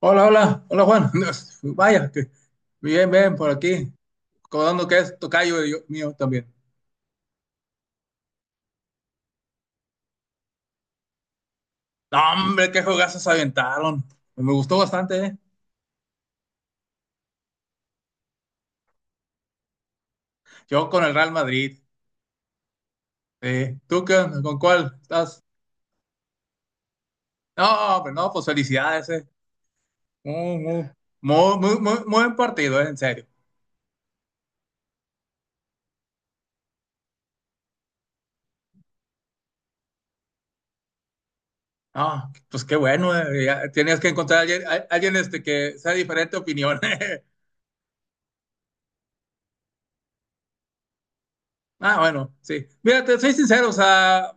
Hola, hola, hola Juan. Vaya, que bien, bien, por aquí. Recordando que es tocayo mío también. No, hombre, qué jugazos se aventaron. Me gustó bastante, ¿eh? Yo con el Real Madrid. Sí. ¿Tú qué onda? ¿Con cuál estás? No, hombre, no, pues felicidades, ¿eh? Muy, muy, muy, muy, muy muy buen partido, ¿eh? En serio. No, pues qué bueno, ¿eh? Ya tenías que encontrar a alguien, alguien que sea de diferente opinión. Ah, bueno, sí. Mira, te soy sincero, o sea,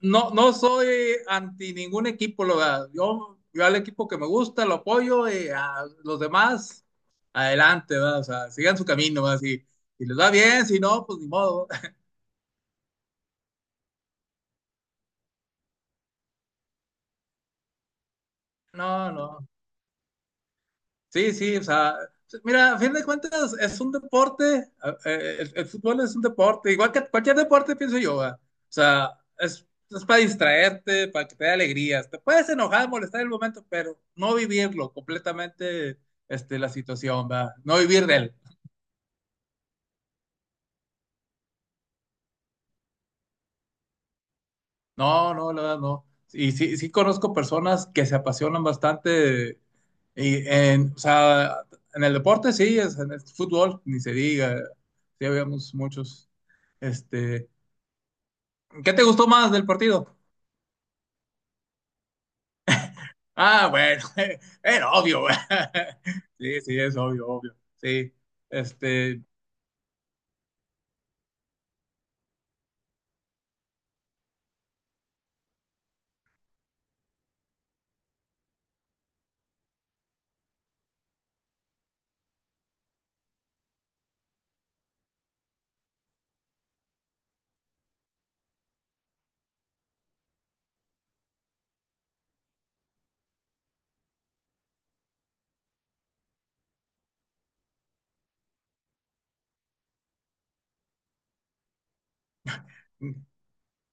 no, no soy anti ningún equipo, lo, yo al equipo que me gusta lo apoyo y a los demás, adelante, ¿verdad? O sea, sigan su camino, ¿verdad? Si, si les va bien, si no, pues ni modo. No, no. Sí, sí, o sea, mira, a fin de cuentas es un deporte, el fútbol es un deporte, igual que cualquier deporte, pienso yo, ¿va? O sea, es para distraerte, para que te dé alegrías. Te puedes enojar, molestar en el momento, pero no vivirlo completamente, la situación, ¿va? No vivir de él. No, no, la verdad no. Y sí, sí conozco personas que se apasionan bastante y en, o sea, en el deporte sí, es, en el fútbol, ni se diga. Sí, habíamos muchos. Este, ¿Qué te gustó más del partido? Ah, bueno, era obvio, güey. Sí, sí, es obvio, obvio. Sí. Este,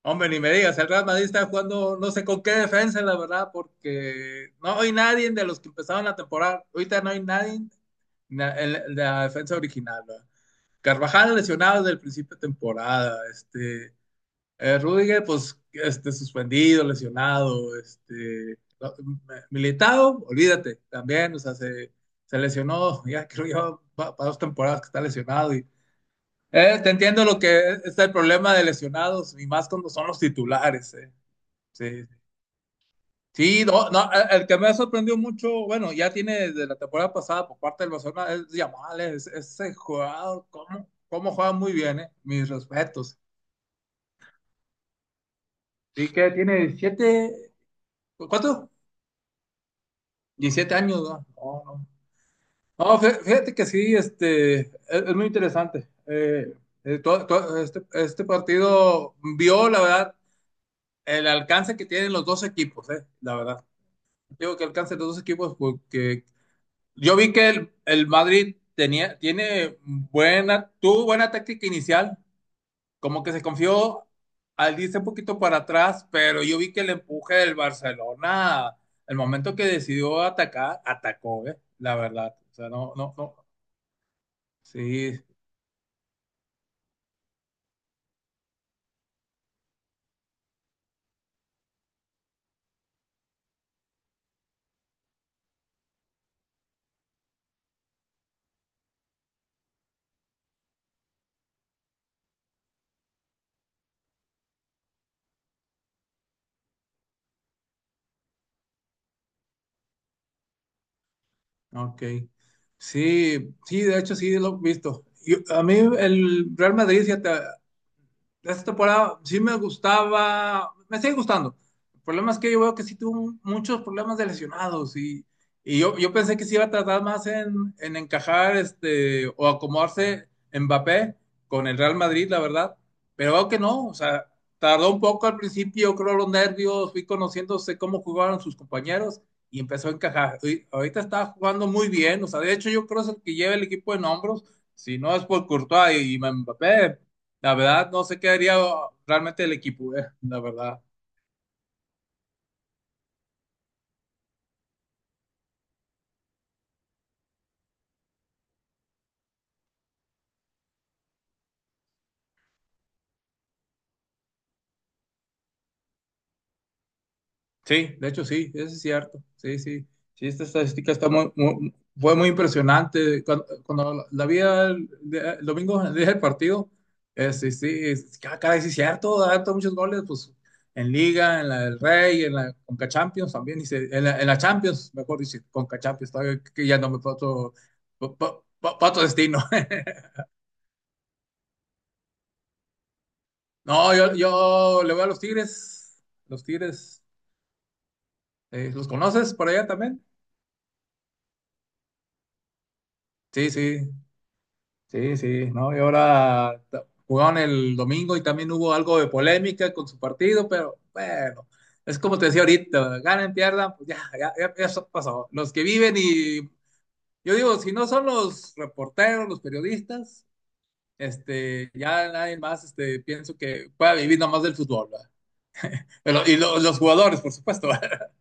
hombre, ni me digas, el Real Madrid está jugando no sé con qué defensa, la verdad, porque no hay nadie de los que empezaron la temporada. Ahorita no hay nadie en la defensa original, ¿verdad? Carvajal lesionado desde el principio de temporada, Rüdiger, pues, suspendido, lesionado, Militao, olvídate, también, o sea, se lesionó, ya creo yo, para dos temporadas que está lesionado y te entiendo lo que es el problema de lesionados y más cuando son los titulares, eh. Sí, sí, no, no, el que me ha sorprendido mucho, bueno, ya tiene desde la temporada pasada por parte del Barcelona, es Yamal, ese jugador, cómo, cómo juega muy bien, mis respetos. Sí que tiene 17, ¿cuánto? 17 años, ¿no? No, no. No, fíjate que sí, es muy interesante. Todo este partido vio, la verdad, el alcance que tienen los dos equipos, la verdad. Digo que alcance los dos equipos porque yo vi que el Madrid tenía, tiene buena, tuvo buena táctica inicial, como que se confió al irse un poquito para atrás, pero yo vi que el empuje del Barcelona, el momento que decidió atacar, atacó, ¿eh? La verdad. O sea, no, no, no. Sí, ok. Sí, sí, de hecho sí lo he visto. A mí el Real Madrid, fíjate, esta temporada sí me gustaba, me sigue gustando. El problema es que yo veo que sí tuvo muchos problemas de lesionados y, y yo pensé que sí iba a tratar más en, encajar o acomodarse Mbappé con el Real Madrid, la verdad. Pero veo que no, o sea, tardó un poco al principio, creo los nervios, fui conociéndose cómo jugaban sus compañeros y empezó a encajar. Y ahorita está jugando muy bien, o sea, de hecho yo creo que es el que lleva el equipo en hombros, si no es por Courtois y Mbappé, la verdad, no sé qué haría realmente el equipo, la verdad. Sí, de hecho sí, eso es cierto. Sí, sí. Sí, esta estadística está fue muy impresionante. Cuando la vi el, el domingo, el día del partido, sí, sí, ah, caray, sí es cierto, ha dado muchos goles, pues en Liga, en la del Rey, en la Conca Champions también, en la, Champions, mejor dice Conca Champions, todavía que ya no me pato, pato destino. No, yo le voy a los Tigres, los Tigres. ¿Los conoces por allá también? Sí, sí, sí, sí, ¿no? Y ahora jugaron el domingo y también hubo algo de polémica con su partido, pero bueno, es como te decía ahorita, ganen, pierdan, pues ya, ya, ya, ya eso pasó. Los que viven y yo digo, si no son los reporteros, los periodistas, ya nadie más, pienso que pueda vivir nomás del fútbol, ¿verdad? Y los jugadores, por supuesto.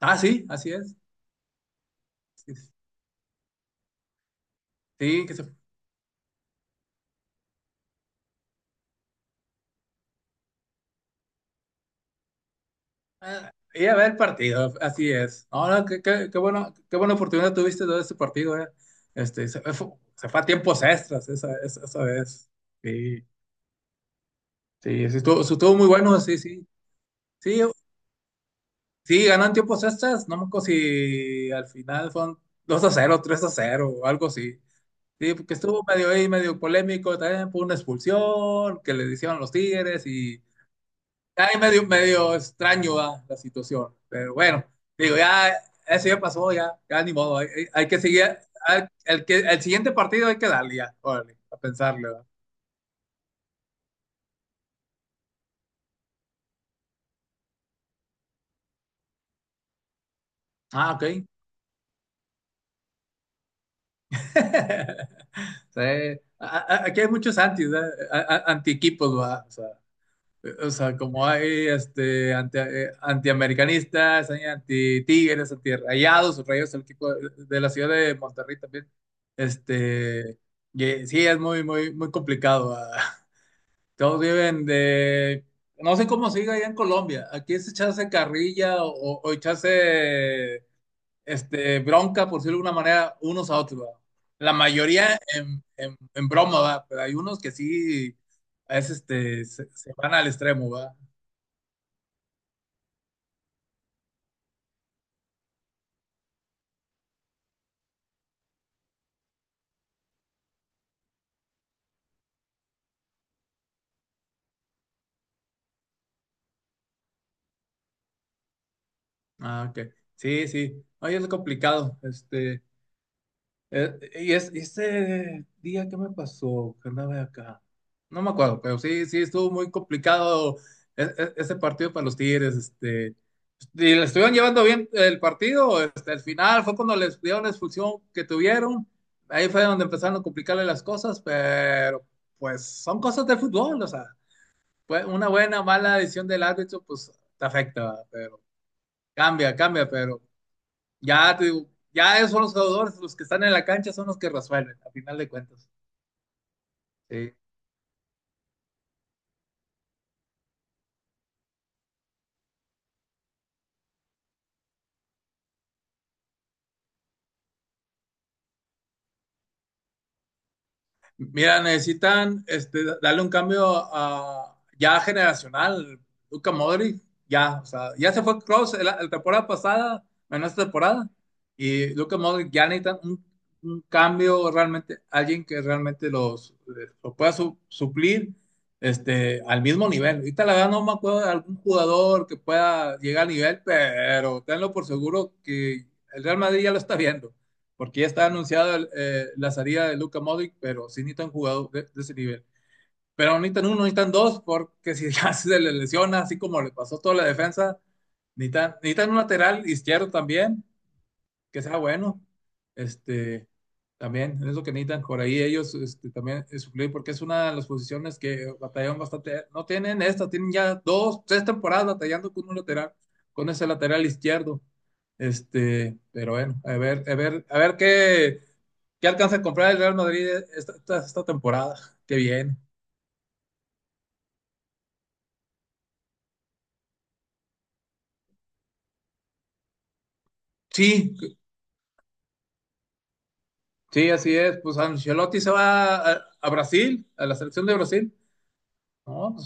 Ah, sí, así es. Sí, sí, que se. Ah, y a ver el partido, así es. No, no, qué, qué, qué bueno, qué buena oportunidad tuviste de ese partido, eh. Este, se, fue, se fue a tiempos extras esa vez. Sí, sí, sí, estuvo muy bueno, sí, sí. Sí, sí, ganó en tiempos extras, no me acuerdo si al final fueron 2-0 3-0 o algo así. Sí, porque estuvo medio ahí, medio polémico también por una expulsión que le hicieron los Tigres y está ahí medio, medio extraño, ¿verdad?, la situación. Pero bueno, digo, ya eso ya pasó, ya, ya ni modo. Hay, hay que seguir. El siguiente partido hay que darle ya, órale, a pensarle, ¿verdad? Ah, ok. Sí. Aquí hay muchos anti, ¿verdad? Anti-equipos, ¿verdad? O sea, como hay anti, antiamericanistas, hay anti-tigres, anti-rayados, rayos el equipo de, la ciudad de Monterrey también. Este, y sí, es muy, muy, muy complicado. Ah. Todos viven de... No sé cómo sigue allá en Colombia. Aquí es echarse carrilla o, echarse bronca, por decirlo de alguna manera, unos a otros, ¿verdad? La mayoría en, en broma, ¿verdad? Pero hay unos que sí se van al extremo, va. Ah, ok. Sí, sí. Ay, es complicado. Y ese día que me pasó, que andaba acá. No me acuerdo, pero sí, sí, estuvo muy complicado ese partido para los Tigres. Y le estuvieron llevando bien el partido. Al final fue cuando les dieron la expulsión que tuvieron. Ahí fue donde empezaron a complicarle las cosas, pero pues son cosas del fútbol. O sea, fue una buena, mala decisión del árbitro, pues te afecta, pero cambia, cambia, pero. Ya, te digo, ya esos son los jugadores, los que están en la cancha son los que resuelven, a final de cuentas. Sí. Mira, necesitan darle un cambio a, ya generacional. Luka Modric, ya, o sea, ya se fue Kroos la, temporada pasada, menos esta temporada. Y Luka Modric ya necesitan un cambio realmente, alguien que realmente los, lo pueda suplir al mismo nivel. Ahorita la verdad no me acuerdo de algún jugador que pueda llegar al nivel, pero tenlo por seguro que el Real Madrid ya lo está viendo porque ya está anunciada la salida de Luka Modric, pero sí necesitan jugadores de, ese nivel. Pero no necesitan uno, necesitan dos, porque si ya se le lesiona, así como le pasó toda la defensa, necesitan un lateral izquierdo también, que sea bueno. Este, también es lo que necesitan por ahí ellos también suplir, porque es una de las posiciones que batallaron bastante. No tienen tienen ya dos, tres temporadas batallando con un lateral, con ese lateral izquierdo. Pero bueno, a ver, a ver, a ver qué. ¿Qué alcanza a comprar el Real Madrid esta temporada? Qué bien. Sí, sí, así es. Pues Ancelotti se va a, Brasil, a la selección de Brasil. No,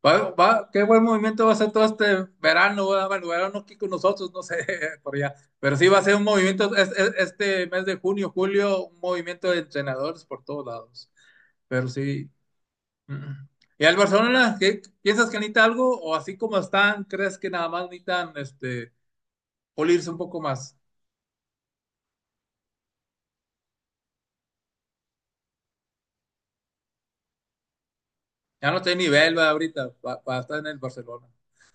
pues, va, qué buen movimiento va a ser todo este verano, ¿verdad? Bueno, verano aquí con nosotros, no sé, por allá. Pero sí va a ser un movimiento este mes de junio, julio, un movimiento de entrenadores por todos lados. Pero sí. Mm. ¿Y al Barcelona, qué, piensas que necesita algo? ¿O así como están, crees que nada más necesitan pulirse un poco más? Ya no está tiene nivel, va, ahorita, para estar en el Barcelona.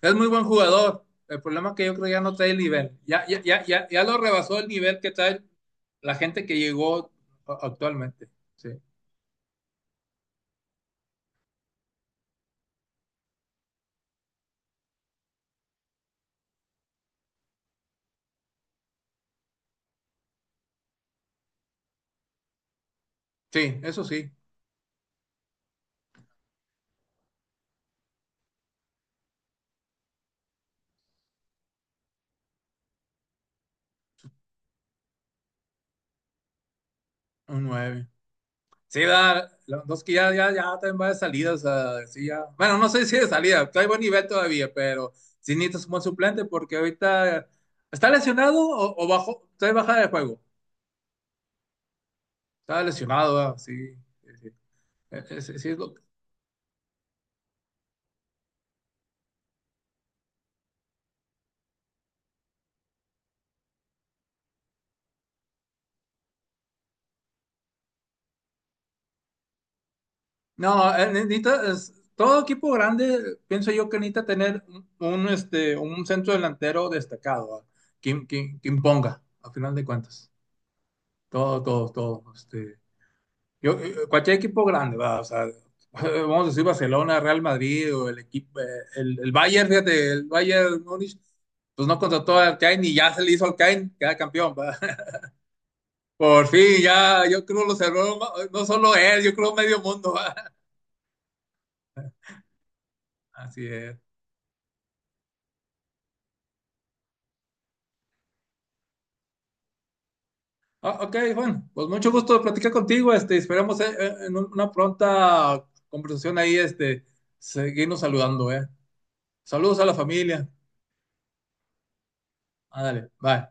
Es muy buen jugador. El problema es que yo creo que ya no trae el nivel. Ya, ya, ya, ya, ya lo rebasó el nivel que trae la gente que llegó actualmente. Sí, sí, eso sí, un nueve. Sí, Lewandowski ya, ya, ya también va de salida. O sea, sí, ya. Bueno, no sé si de salida, trae buen nivel todavía, pero sí necesitas un buen suplente porque ahorita está lesionado o, bajó, trae bajada de juego. Está lesionado, ah, sí. Sí, sí. Sí, sí, es lo-. No, necesita, todo equipo grande, pienso yo que necesita tener un centro delantero destacado, ¿va? Que, que imponga, a final de cuentas. Todo, todo, todo. Cualquier equipo grande, ¿va? O sea, vamos a decir Barcelona, Real Madrid o el equipo, el Bayern, fíjate, el Bayern Múnich, pues no contrató a Kane y ya se le hizo al Kane, queda campeón, ¿va? Por fin, ya, yo creo lo cerró, no solo él, yo creo medio mundo, ¿va? Así es. Ah, ok, Juan, pues mucho gusto de platicar contigo, esperamos en una pronta conversación ahí, seguirnos saludando, ¿eh? Saludos a la familia. Ándale, bye.